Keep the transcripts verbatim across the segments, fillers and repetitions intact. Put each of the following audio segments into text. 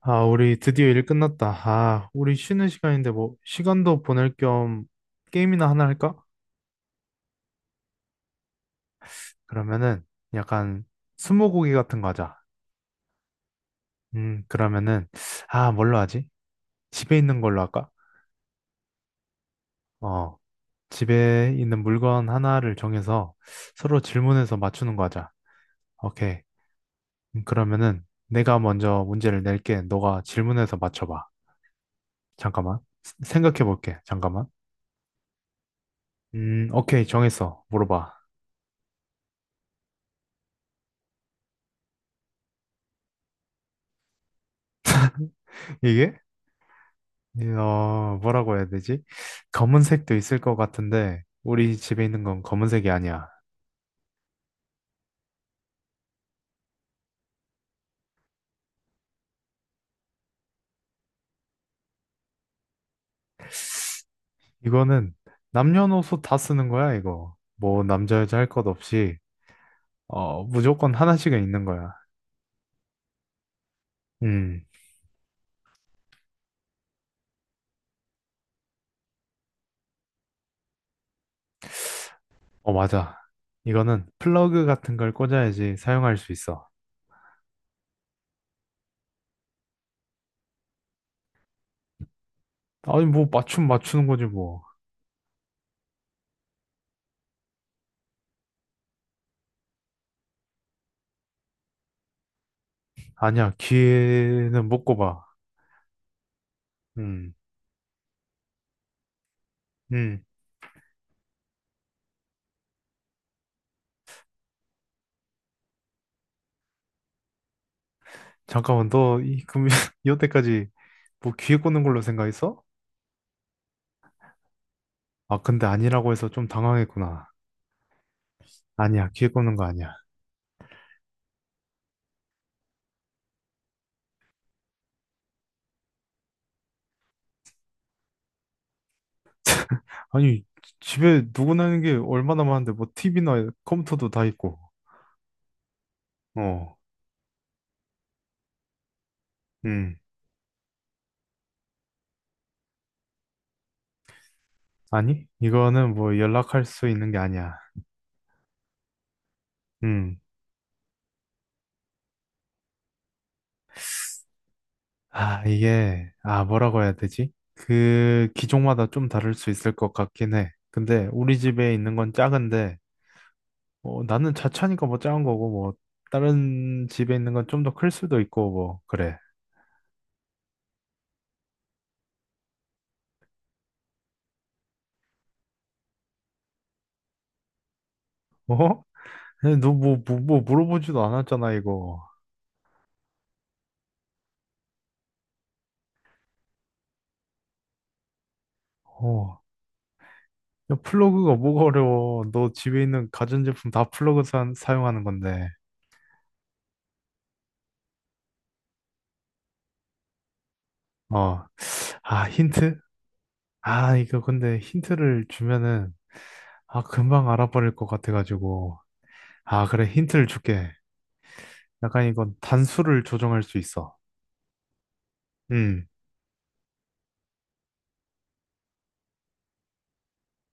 아, 우리 드디어 일 끝났다. 아, 우리 쉬는 시간인데 뭐 시간도 보낼 겸 게임이나 하나 할까? 그러면은 약간 스무고개 같은 거 하자. 음, 그러면은 아, 뭘로 하지? 집에 있는 걸로 할까? 어, 집에 있는 물건 하나를 정해서 서로 질문해서 맞추는 거 하자. 오케이. 음, 그러면은 내가 먼저 문제를 낼게. 너가 질문해서 맞춰봐. 잠깐만. 생각해 볼게. 잠깐만. 음, 오케이. 정했어. 물어봐. 이게? 어, 뭐라고 해야 되지? 검은색도 있을 것 같은데, 우리 집에 있는 건 검은색이 아니야. 이거는 남녀노소 다 쓰는 거야, 이거. 뭐, 남자, 여자 할 것 없이, 어, 무조건 하나씩은 있는 거야. 음. 어, 맞아. 이거는 플러그 같은 걸 꽂아야지 사용할 수 있어. 아니, 뭐, 맞춤 맞추는 거지, 뭐. 아니야, 귀에는 못 꼽아. 음, 음. 잠깐만, 너, 이, 금, 이때까지 뭐 귀에 꽂는 걸로 생각했어? 아, 근데 아니라고 해서 좀 당황했구나. 아니야, 기회 꼽는 거 아니야. 아니, 집에 누구나 있는 게 얼마나 많은데, 뭐, 티브이나 컴퓨터도 다 있고. 어, 음. 아니, 이거는 뭐 연락할 수 있는 게 아니야. 음. 아, 이게, 아, 뭐라고 해야 되지? 그, 기종마다 좀 다를 수 있을 것 같긴 해. 근데, 우리 집에 있는 건 작은데, 어, 나는 자차니까 뭐 작은 거고, 뭐, 다른 집에 있는 건 좀 더 클 수도 있고, 뭐, 그래. 어? 너 뭐, 뭐, 뭐 물어보지도 않았잖아, 이거. 어. 야, 플러그가 뭐가 어려워. 너 집에 있는 가전제품 다 플러그 사, 사용하는 건데. 어. 아, 힌트? 아, 이거 근데 힌트를 주면은, 아, 금방 알아버릴 것 같아가지고. 아, 그래, 힌트를 줄게. 약간 이건 단수를 조정할 수 있어. 음.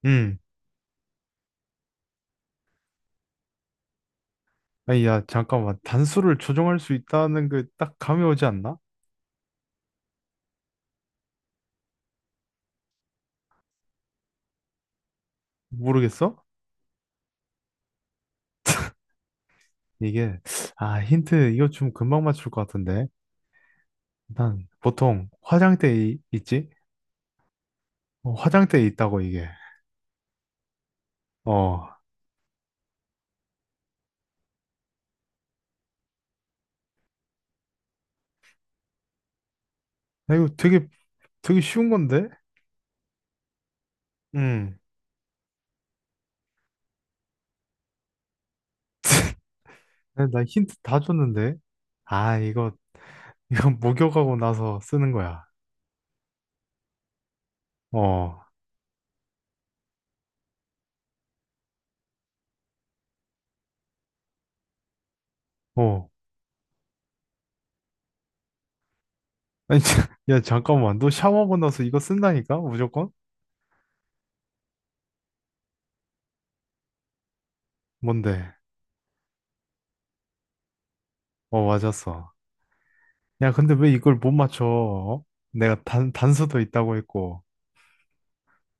음. 아니, 야, 잠깐만. 단수를 조정할 수 있다는 게 딱 감이 오지 않나? 모르겠어? 이게, 아, 힌트, 이거 좀 금방 맞출 것 같은데. 난 보통 화장대에 이- 있지? 어, 화장대에 있다고 이게. 어, 나 이거 되게 되게 쉬운 건데? 음. 나, 나 힌트 다 줬는데? 아, 이거 이거 목욕하고 나서 쓰는 거야. 어, 어. 아니, 자- 야 잠깐만, 너 샤워하고 나서 이거 쓴다니까? 무조건? 뭔데? 어, 맞았어. 야, 근데 왜 이걸 못 맞춰? 어? 내가 단 단서도 있다고 했고,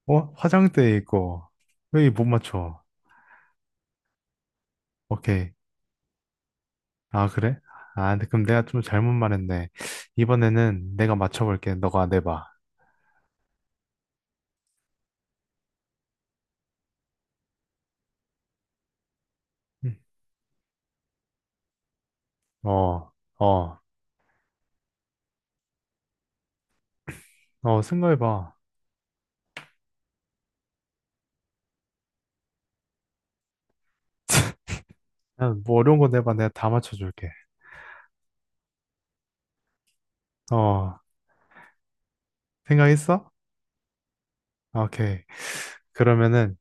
어? 화장대에 있고, 왜 못 맞춰? 오케이. 아, 그래? 아, 근데 그럼 내가 좀 잘못 말했네. 이번에는 내가 맞춰볼게. 너가 내봐. 음. 어, 어, 어, 생각해봐. 야, 뭐 어려운 거 내봐. 내가 다 맞춰줄게. 어, 생각했어? 오케이. 그러면은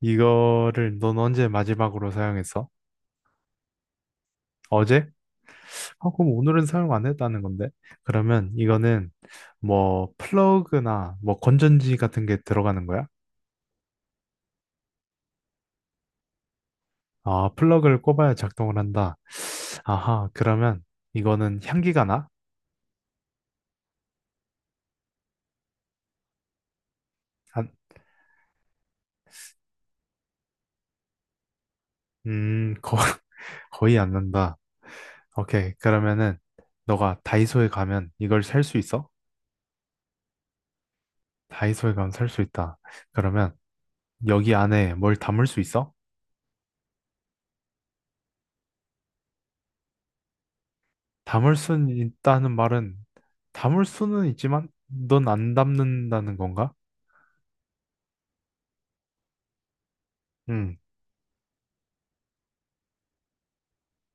이거를 넌 언제 마지막으로 사용했어? 어제? 아, 그럼 오늘은 사용 안 했다는 건데. 그러면 이거는 뭐 플러그나 뭐 건전지 같은 게 들어가는 거야? 아, 플러그를 꼽아야 작동을 한다. 아하, 그러면 이거는 향기가 나? 안, 음, 거, 거의 안 난다. 오케이. 그러면은, 너가 다이소에 가면 이걸 살 수 있어? 다이소에 가면 살 수 있다. 그러면, 여기 안에 뭘 담을 수 있어? 담을 수는 있다는 말은, 담을 수는 있지만, 넌 안 담는다는 건가? 응.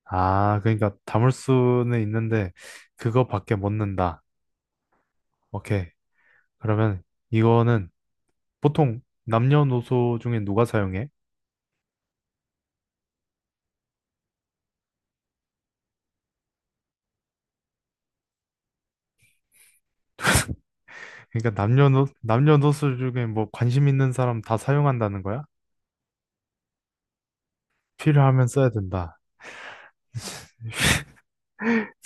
아, 그러니까 담을 수는 있는데, 그거밖에 못 넣는다. 오케이. 그러면, 이거는 보통 남녀노소 중에 누가 사용해? 그러니까 남녀노, 남녀노소 중에 뭐 관심 있는 사람 다 사용한다는 거야? 필요하면 써야 된다.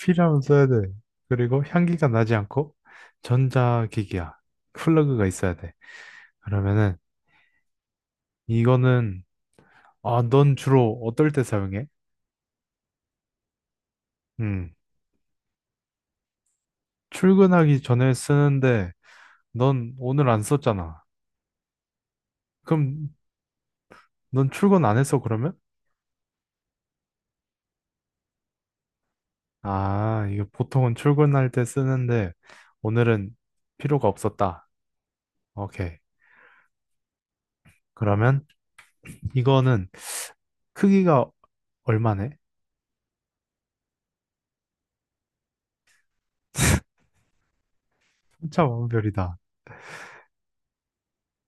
필요하면 써야 돼. 그리고 향기가 나지 않고 전자기기야. 플러그가 있어야 돼. 그러면은 이거는 아, 넌 주로 어떨 때 사용해? 음. 출근하기 전에 쓰는데 넌 오늘 안 썼잖아. 그럼 넌 출근 안 했어 그러면? 아, 이거 보통은 출근할 때 쓰는데 오늘은 필요가 없었다. 오케이. 그러면 이거는 크기가 얼마네? 삼 차 완별이다.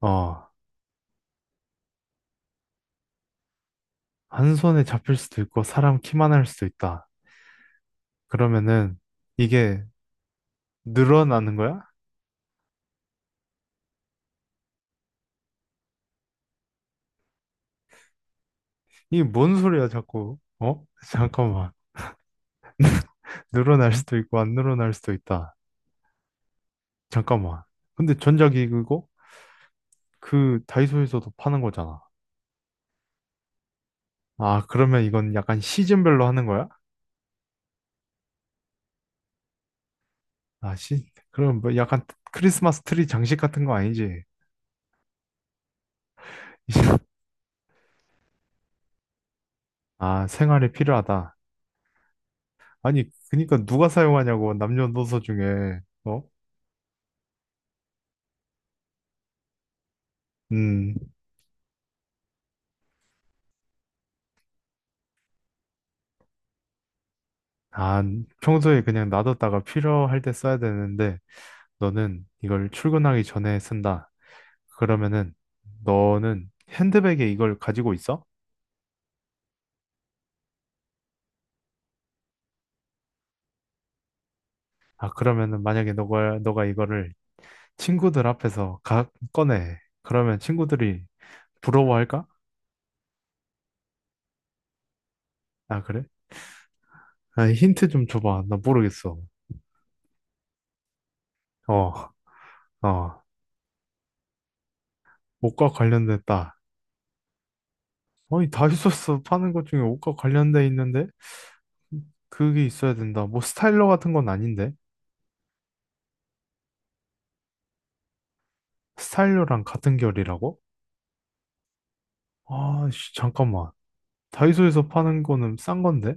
어, 한 손에 잡힐 수도 있고 사람 키만 할 수도 있다. 그러면은 이게 늘어나는 거야? 이게 뭔 소리야 자꾸? 어? 잠깐만. 늘어날 수도 있고 안 늘어날 수도 있다. 잠깐만. 근데 전자기기고 그 다이소에서도 파는 거잖아. 아, 그러면 이건 약간 시즌별로 하는 거야? 아, 시, 그럼 뭐 약간 크리스마스 트리 장식 같은 거 아니지? 아, 생활에 필요하다. 아니, 그니까 누가 사용하냐고, 남녀노소 중에, 어? 음, 아, 평소에 그냥 놔뒀다가 필요할 때 써야 되는데, 너는 이걸 출근하기 전에 쓴다. 그러면은, 너는 핸드백에 이걸 가지고 있어? 아, 그러면은 만약에 너가, 너가 이거를 친구들 앞에서 가, 꺼내. 그러면 친구들이 부러워할까? 아, 그래? 아, 힌트 좀 줘봐. 나 모르겠어. 어, 어, 옷과 관련됐다. 아니, 다이소스 파는 것 중에 옷과 관련돼 있는데? 그게 있어야 된다. 뭐 스타일러 같은 건 아닌데? 스타일러랑 같은 결이라고? 아, 씨, 잠깐만. 다이소에서 파는 거는 싼 건데?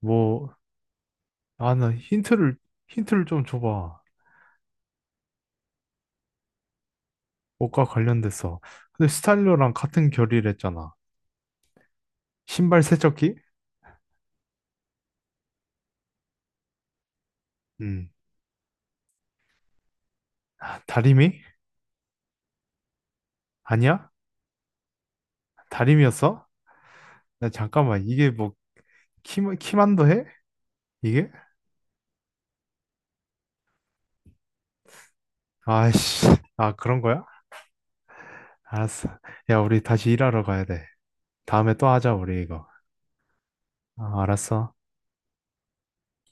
뭐, 아, 나 힌트를, 힌트를 좀 줘봐. 옷과 관련돼서. 근데 스타일러랑 같은 결이랬잖아. 신발 세척기? 음. 다리미? 아니야? 다리미였어? 나 잠깐만. 이게 뭐, 키, 키만도 해? 이게? 아씨. 아, 그런 거야? 알았어. 야, 우리 다시 일하러 가야 돼. 다음에 또 하자, 우리 이거. 아, 알았어.